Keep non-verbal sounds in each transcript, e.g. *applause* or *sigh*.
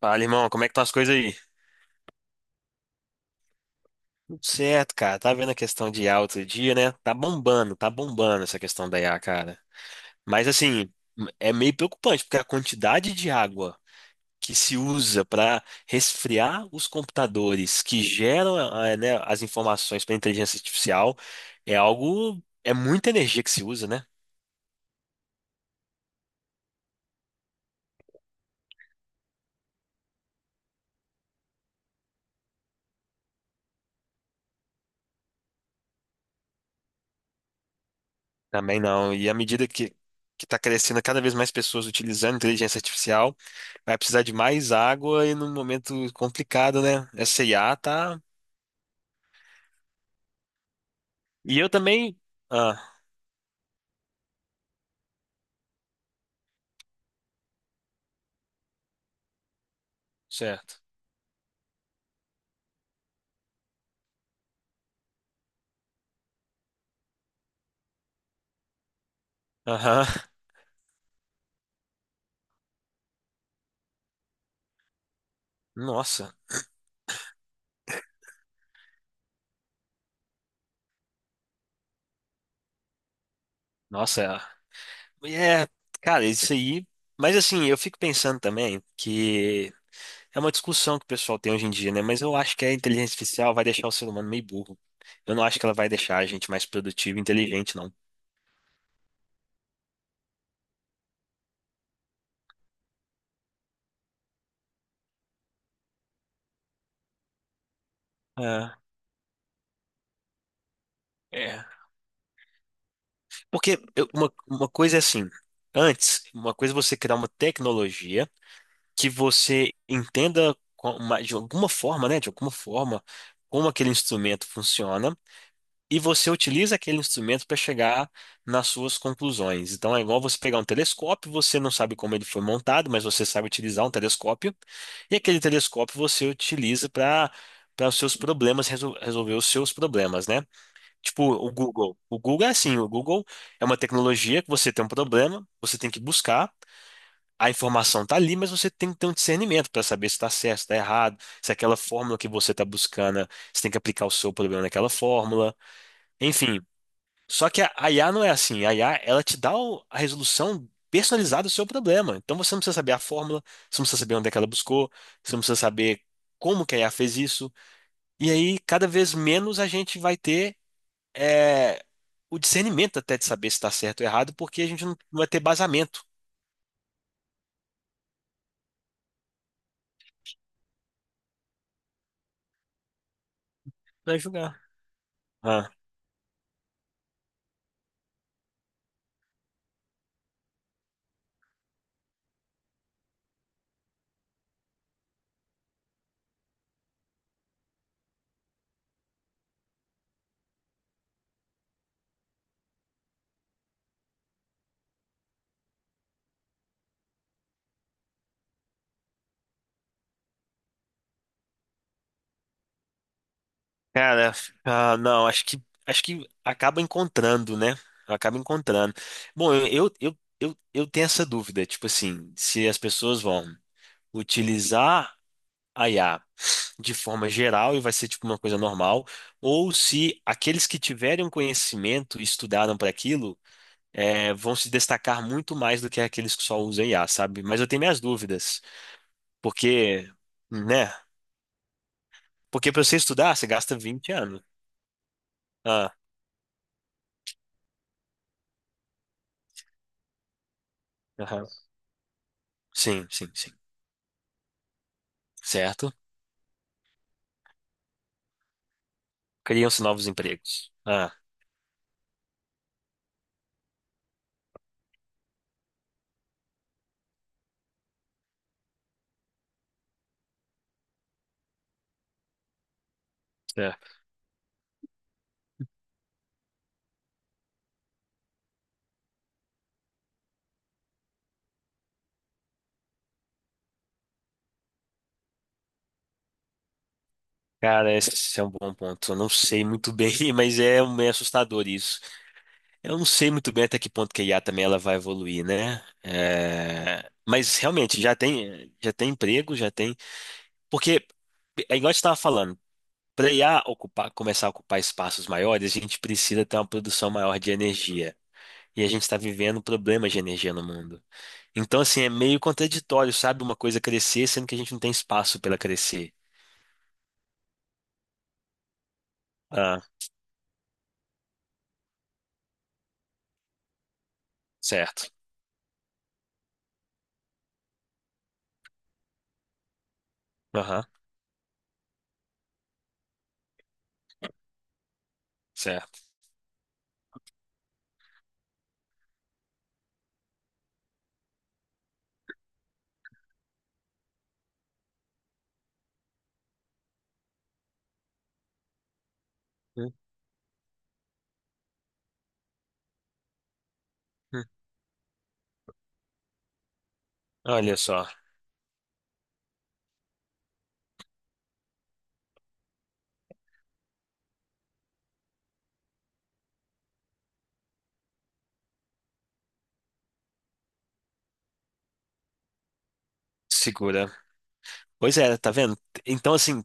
Fala, irmão, como é que estão as coisas aí? Tudo certo, cara. Tá vendo a questão de IA outro dia, né? Tá bombando essa questão da IA, cara. Mas assim, é meio preocupante, porque a quantidade de água que se usa para resfriar os computadores que geram, né, as informações para inteligência artificial é algo, é muita energia que se usa, né? Também não. E à medida que está crescendo cada vez mais pessoas utilizando inteligência artificial, vai precisar de mais água e num momento complicado, né? Essa IA tá. E eu também. Ah, certo. Aham. Nossa, nossa. É, é, cara, isso aí. Mas assim, eu fico pensando também que é uma discussão que o pessoal tem hoje em dia, né? Mas eu acho que a inteligência artificial vai deixar o ser humano meio burro. Eu não acho que ela vai deixar a gente mais produtivo e inteligente, não. É, é. Porque uma coisa é assim, antes, uma coisa é você criar uma tecnologia que você entenda de alguma forma, né? De alguma forma, como aquele instrumento funciona, e você utiliza aquele instrumento para chegar nas suas conclusões. Então é igual você pegar um telescópio, você não sabe como ele foi montado, mas você sabe utilizar um telescópio, e aquele telescópio você utiliza para os seus problemas, resolver os seus problemas, né? Tipo, o Google. O Google é assim, o Google é uma tecnologia que você tem um problema, você tem que buscar, a informação tá ali, mas você tem que ter um discernimento para saber se está certo, se está errado, se aquela fórmula que você está buscando, você tem que aplicar o seu problema naquela fórmula. Enfim, só que a IA não é assim. A IA, ela te dá a resolução personalizada do seu problema. Então você não precisa saber a fórmula, você não precisa saber onde é que ela buscou, você não precisa saber como que a IA fez isso. E aí, cada vez menos a gente vai ter é, o discernimento até de saber se está certo ou errado, porque a gente não vai ter basamento para julgar. Ah, cara, ah, não, acho que acaba encontrando, né? Acaba encontrando. Bom, eu tenho essa dúvida, tipo assim, se as pessoas vão utilizar a IA de forma geral e vai ser tipo uma coisa normal, ou se aqueles que tiverem um conhecimento e estudaram para aquilo vão se destacar muito mais do que aqueles que só usam IA, sabe? Mas eu tenho minhas dúvidas, porque, né? Porque para você estudar, você gasta 20 anos. Ah, aham. Sim, sim, sim. Certo? Criam-se novos empregos. Ah, certo. Cara, esse é um bom ponto. Eu não sei muito bem, *laughs* mas é meio assustador isso. Eu não sei muito bem até que ponto que a IA também ela vai evoluir, né? É, mas realmente já tem emprego, já tem. Porque é igual a gente estava falando, para IA ocupar, começar a ocupar espaços maiores, a gente precisa ter uma produção maior de energia. E a gente está vivendo problemas de energia no mundo. Então, assim, é meio contraditório, sabe? Uma coisa crescer, sendo que a gente não tem espaço para ela crescer. Ah, certo. Aham, certo. Hum, hum. Olha só, segura. Pois é, tá vendo? Então, assim,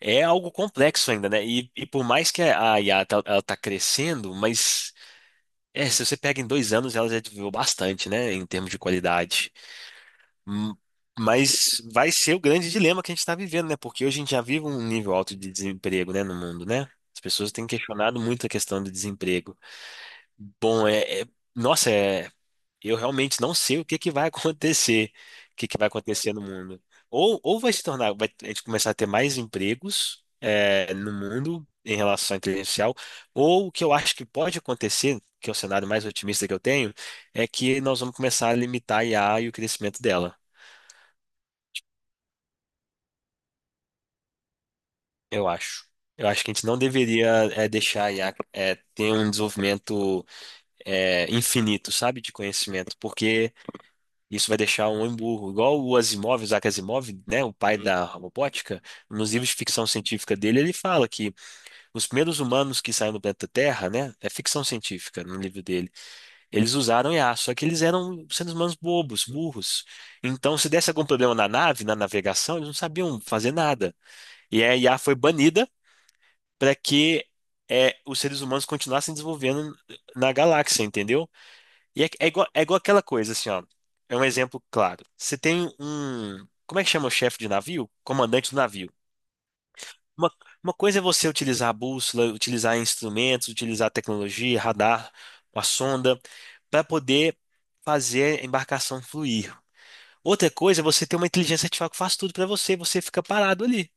é algo complexo ainda, né? E por mais que a IA tá, ela tá crescendo, mas é, se você pega em 2 anos, ela já desenvolveu bastante, né? Em termos de qualidade. Hum, Mas vai ser o grande dilema que a gente está vivendo, né? Porque hoje a gente já vive um nível alto de desemprego, né, no mundo, né? As pessoas têm questionado muito a questão do desemprego. Bom, nossa, eu realmente não sei o que que vai *laughs* acontecer, o que que vai acontecer no mundo. Ou vai se tornar, vai a gente começar a ter mais empregos, é, no mundo em relação à inteligência artificial, ou o que eu acho que pode acontecer, que é o cenário mais otimista que eu tenho, é que nós vamos começar a limitar a IA e o crescimento dela. Eu acho. Eu acho que a gente não deveria deixar a IA ter um desenvolvimento infinito, sabe, de conhecimento, porque isso vai deixar um homem burro. Igual o Asimov, o Isaac Asimov, né, o pai da robótica, nos livros de ficção científica dele, ele fala que os primeiros humanos que saíram do planeta Terra, né, é ficção científica no livro dele, eles usaram IA, só que eles eram seres humanos bobos, burros. Então, se desse algum problema na nave, na navegação, eles não sabiam fazer nada. E a IA foi banida para que os seres humanos continuassem desenvolvendo na galáxia, entendeu? E é igual aquela coisa, assim, ó. É um exemplo claro. Você tem um. Como é que chama o chefe de navio? Comandante do navio. Uma, uma coisa é você utilizar a bússola, utilizar instrumentos, utilizar tecnologia, radar, uma sonda, para poder fazer a embarcação fluir. Outra coisa é você ter uma inteligência artificial que faz tudo para você, você fica parado ali.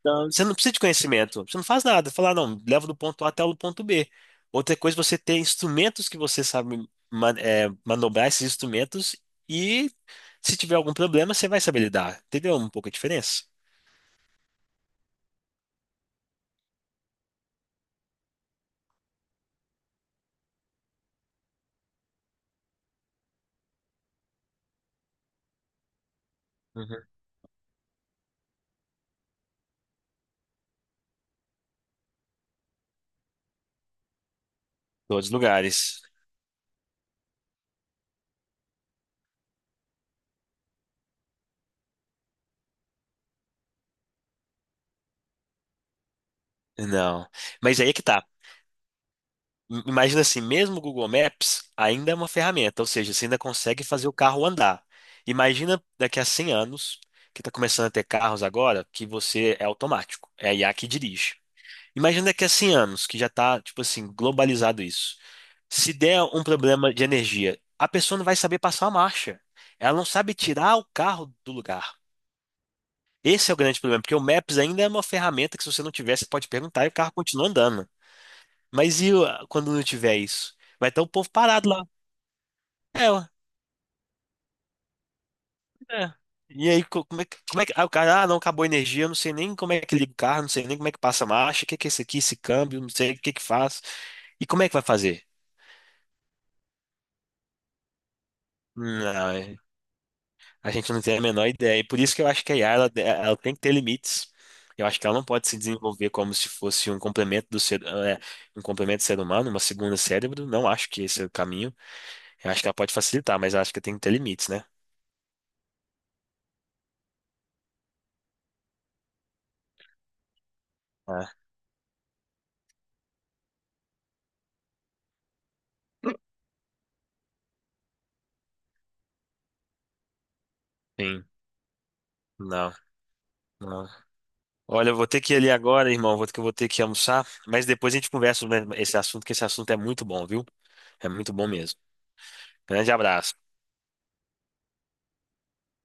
Então, você não precisa de conhecimento, você não faz nada. Falar, não, leva do ponto A até o ponto B. Outra coisa, é você ter instrumentos que você sabe manobrar esses instrumentos e se tiver algum problema, você vai saber lidar. Entendeu? Um pouco a diferença. Uhum. Todos os lugares. Não. Mas aí é que tá. Imagina assim, mesmo o Google Maps ainda é uma ferramenta, ou seja, você ainda consegue fazer o carro andar. Imagina daqui a 100 anos, que está começando a ter carros agora, que você é automático, é a IA que dirige. Imagina daqui a 100 anos, que já tá, tipo assim, globalizado isso. Se der um problema de energia, a pessoa não vai saber passar a marcha. Ela não sabe tirar o carro do lugar. Esse é o grande problema, porque o Maps ainda é uma ferramenta que se você não tiver, você pode perguntar e o carro continua andando. Mas quando não tiver isso? Vai estar o povo parado lá. É, ó, é. E aí, como é que, ah, o cara, ah, não, acabou a energia, eu não sei nem como é que liga o carro, não sei nem como é que passa a marcha, o que que é isso aqui, esse câmbio, não sei o que que faz. E como é que vai fazer? Não, a gente não tem a menor ideia. E por isso que eu acho que a IA, ela tem que ter limites. Eu acho que ela não pode se desenvolver como se fosse um complemento do ser, um complemento do ser humano, uma segunda cérebro. Não acho que esse é o caminho. Eu acho que ela pode facilitar, mas eu acho que tem que ter limites, né? Ah, sim. Não, não. Olha, eu vou ter que ir ali agora, irmão. Vou ter que almoçar. Mas depois a gente conversa sobre esse assunto, que esse assunto é muito bom, viu? É muito bom mesmo. Grande abraço.